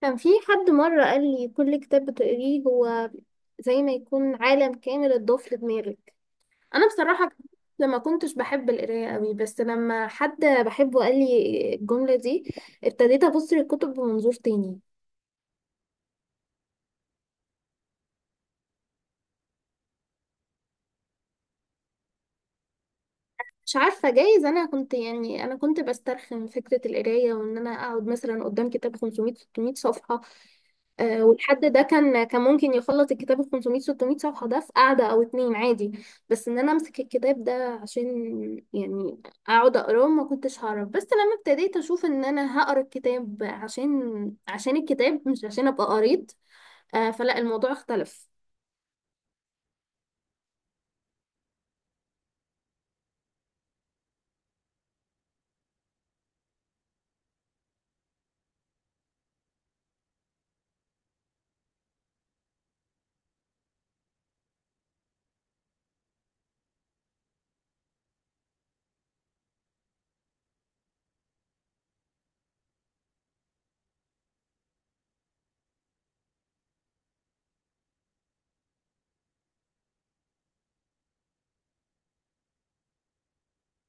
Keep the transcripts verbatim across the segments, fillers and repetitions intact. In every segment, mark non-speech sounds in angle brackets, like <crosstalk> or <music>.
كان في حد مرة قال لي كل كتاب بتقريه هو زي ما يكون عالم كامل اتضاف لدماغك. أنا بصراحة لما كنتش بحب القراية قوي، بس لما حد بحبه قال لي الجملة دي ابتديت أبص للكتب بمنظور تاني. مش عارفة، جايز أنا كنت يعني أنا كنت بسترخم فكرة القراية وإن أنا أقعد مثلا قدام كتاب خمسمية ستمية صفحة. آه، والحد ده كان كان ممكن يخلص الكتاب ال خمسمية ستمية صفحة ده في قعدة أو اتنين عادي. بس إن أنا أمسك الكتاب ده عشان، يعني، أقعد أقراه ما كنتش هعرف. بس لما ابتديت أشوف إن أنا هقرا الكتاب عشان عشان الكتاب مش عشان أبقى قريت. آه، فلا، الموضوع اختلف.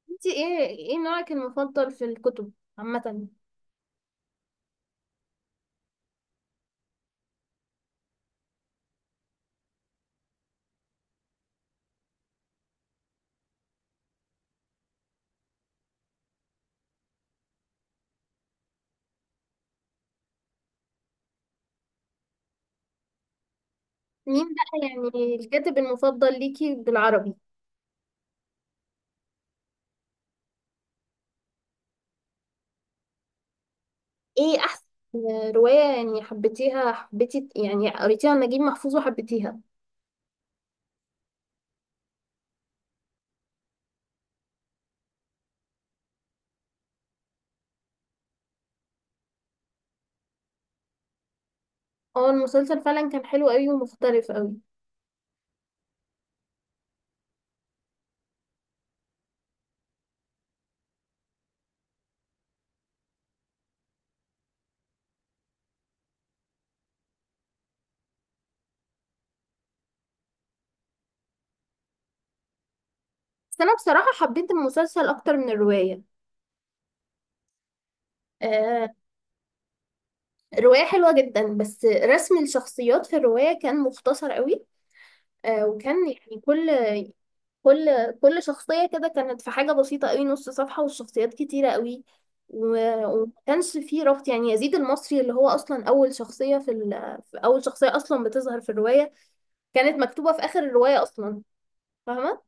انتي ايه ايه نوعك المفضل في الكتب عامة؟ مين بقى يعني الكاتب المفضل ليكي بالعربي؟ ايه أحسن رواية، يعني حبيتيها حبيتي يعني قريتيها لنجيب محفوظ وحبيتيها؟ اه، المسلسل فعلا كان حلو قوي ومختلف قوي. بس انا بصراحة حبيت المسلسل اكتر من الرواية. آه، الرواية حلوة جدا، بس رسم الشخصيات في الرواية كان مختصر قوي. آه وكان يعني كل كل كل شخصية كده كانت في حاجة بسيطة قوي، نص صفحة، والشخصيات كتيرة قوي. و- وما كانش فيه ربط، يعني يزيد المصري اللي هو اصلا اول شخصية في, ال... في اول شخصية اصلا بتظهر في الرواية كانت مكتوبة في اخر الرواية اصلا، فاهمة؟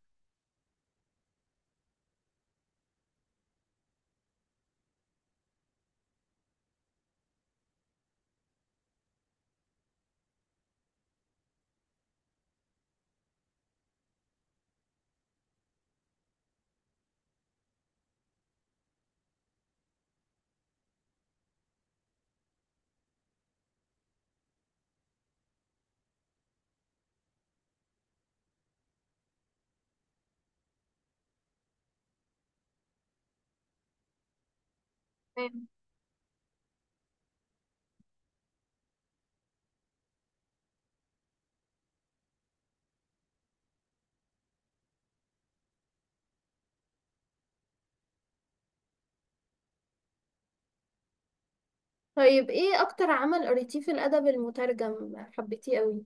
طيب، ايه اكتر عمل قريتيه في الادب المترجم حبيتيه قوي؟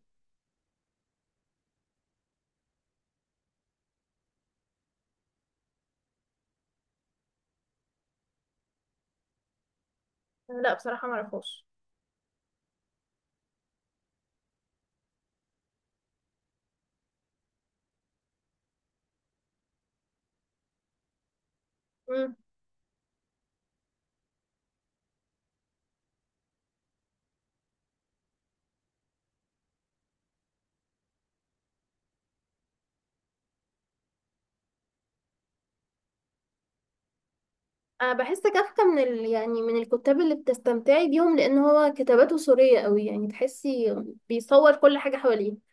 لا بصراحة معرفوش. امم انا بحس كافكا من ال... يعني من الكتاب اللي بتستمتعي بيهم، لان هو كتاباته سورية قوي، يعني تحسي بيصور كل حاجة حواليه.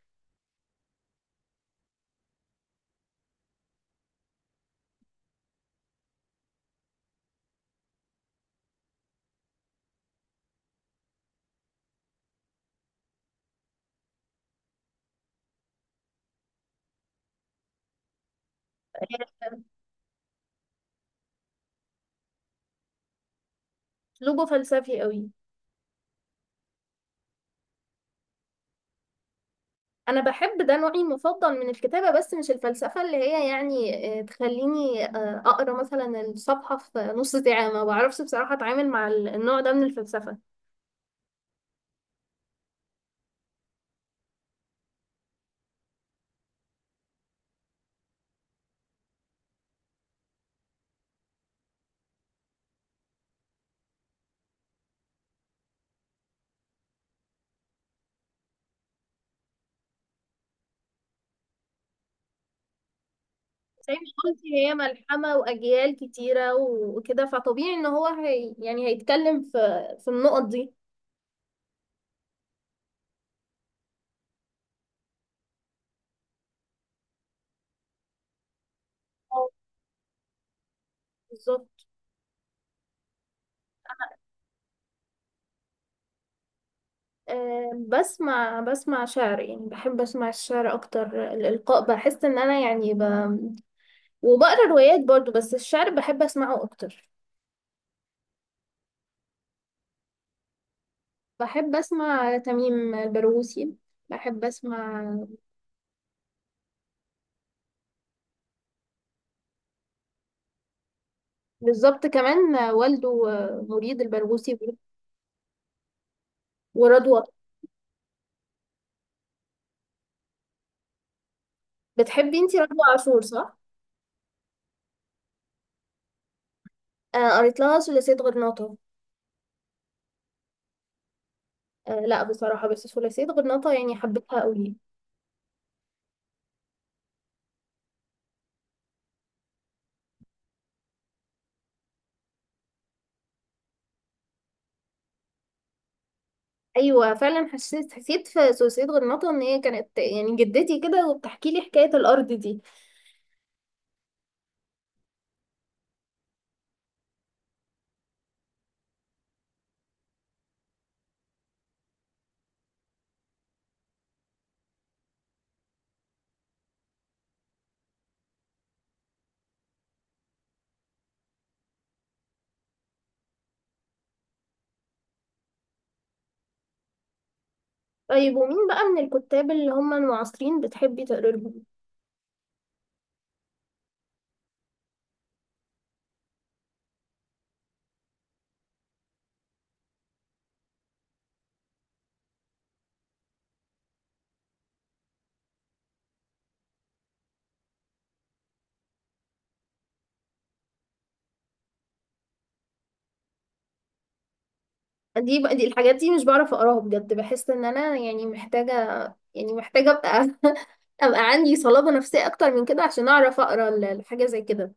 اسلوبه فلسفي قوي. انا بحب ده نوعي المفضل من الكتابة، بس مش الفلسفة اللي هي يعني آه، تخليني آه، اقرا مثلا الصفحة في نص ساعة، ما بعرفش بصراحة اتعامل مع ال- النوع ده من الفلسفة. زي ما قلتي، هي ملحمة وأجيال كتيرة و- وكده، فطبيعي إن هو هي يعني هيتكلم في في النقط دي. اه، بالظبط. أه، بسمع بسمع شعر، يعني بحب أسمع الشعر أكتر، الإلقاء، بحس إن أنا يعني ب... وبقرا روايات برضو، بس الشعر بحب أسمعه أكتر. بحب أسمع تميم البرغوثي، بحب أسمع بالظبط كمان. والده آه، مريد البرغوثي، ورضوى. بتحبي انتي رضوى عاشور، صح؟ آه، قريت لها ثلاثية غرناطة. آه، لا بصراحة، بس ثلاثية غرناطة يعني حبيتها قوي. أيوة، فعلا، حسيت حسيت في ثلاثية غرناطة إن هي كانت يعني جدتي كده وبتحكي لي حكاية الأرض دي. طيب، ومين بقى من الكتاب اللي هم المعاصرين بتحبي تقري لهم؟ دي بقى، دي الحاجات دي مش بعرف أقراها بجد، بحس إن أنا يعني محتاجة، يعني محتاجة أبقى <laughs> أبقى عندي صلابة نفسية أكتر من كده عشان أعرف أقرأ ال- الحاجة زي كده.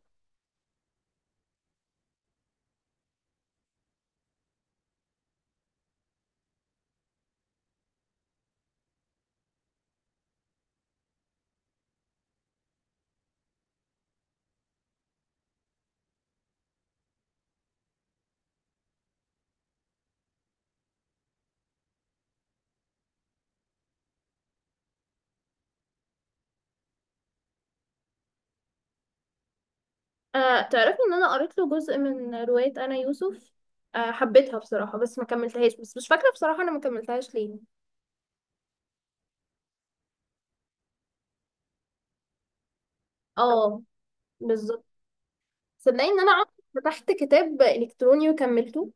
آه، تعرفي ان انا قريت له جزء من رواية انا يوسف، آه، حبيتها بصراحة بس ما كملتهاش، بس مش فاكرة بصراحة انا ما كملتهاش ليه. اه، بالظبط. صدقني ان انا عمري ما فتحت كتاب الكتروني وكملته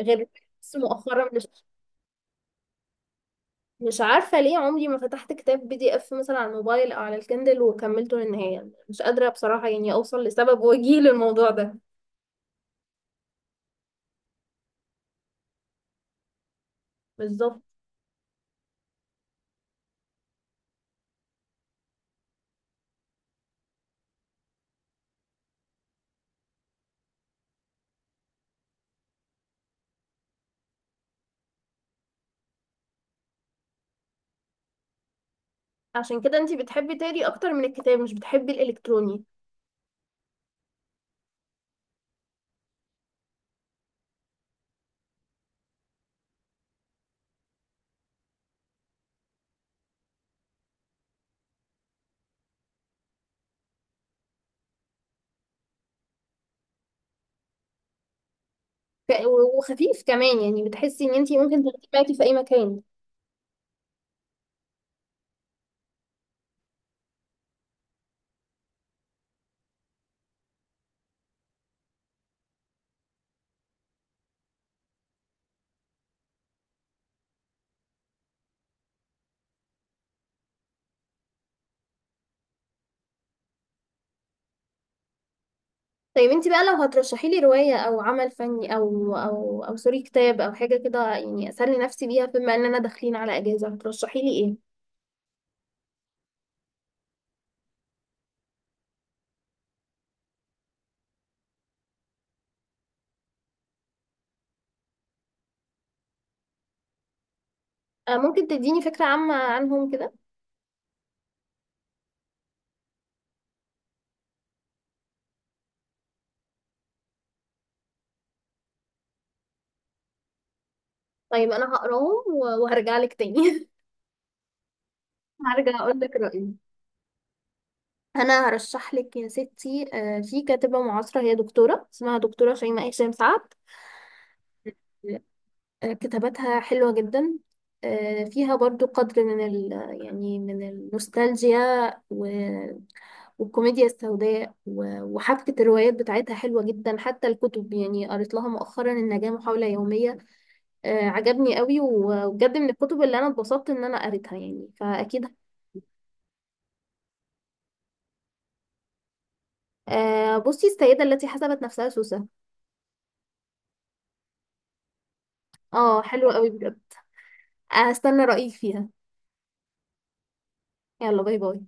غير. بس مؤخرا، مش مش عارفة ليه عمري ما فتحت كتاب بي دي اف مثلا على الموبايل او على الكندل وكملته للنهاية، مش قادرة بصراحة يعني اوصل لسبب وجيه للموضوع ده. بالظبط. عشان كده انتي بتحبي تقري اكتر من الكتاب، مش بتحبي الالكتروني. ف- وخفيف كمان، يعني بتحسي ان انتي ممكن تاخديه معاكي في اي مكان. طيب، انتي بقى لو هترشحي لي رواية او عمل فني او او او سوري، كتاب او حاجة كده، يعني اسلي نفسي بيها، بما اننا داخلين على اجازة، هترشحي لي ايه؟ آه، ممكن تديني فكرة عامة عنهم كده؟ طيب، انا هقراهم و- وهرجع لك تاني. <laughs> هرجع اقول لك رأيي. انا هرشح لك يا ستي، آه، في كاتبة معاصرة، هي دكتورة اسمها دكتورة شيماء هشام سعد. آه، كتاباتها حلوة جدا، آه، فيها برضو قدر من ال، يعني من النوستالجيا و- والكوميديا السوداء، و- وحبكة الروايات بتاعتها حلوة جدا. حتى الكتب، يعني قريت لها مؤخرا النجاة محاولة يومية، آه، عجبني قوي و- وبجد من الكتب اللي أنا اتبسطت إن أنا قريتها، يعني فأكيد. آه، بصي، السيدة التي حسبت نفسها سوسة. اه، حلوة قوي بجد. هستنى رأيك فيها. يلا، باي باي.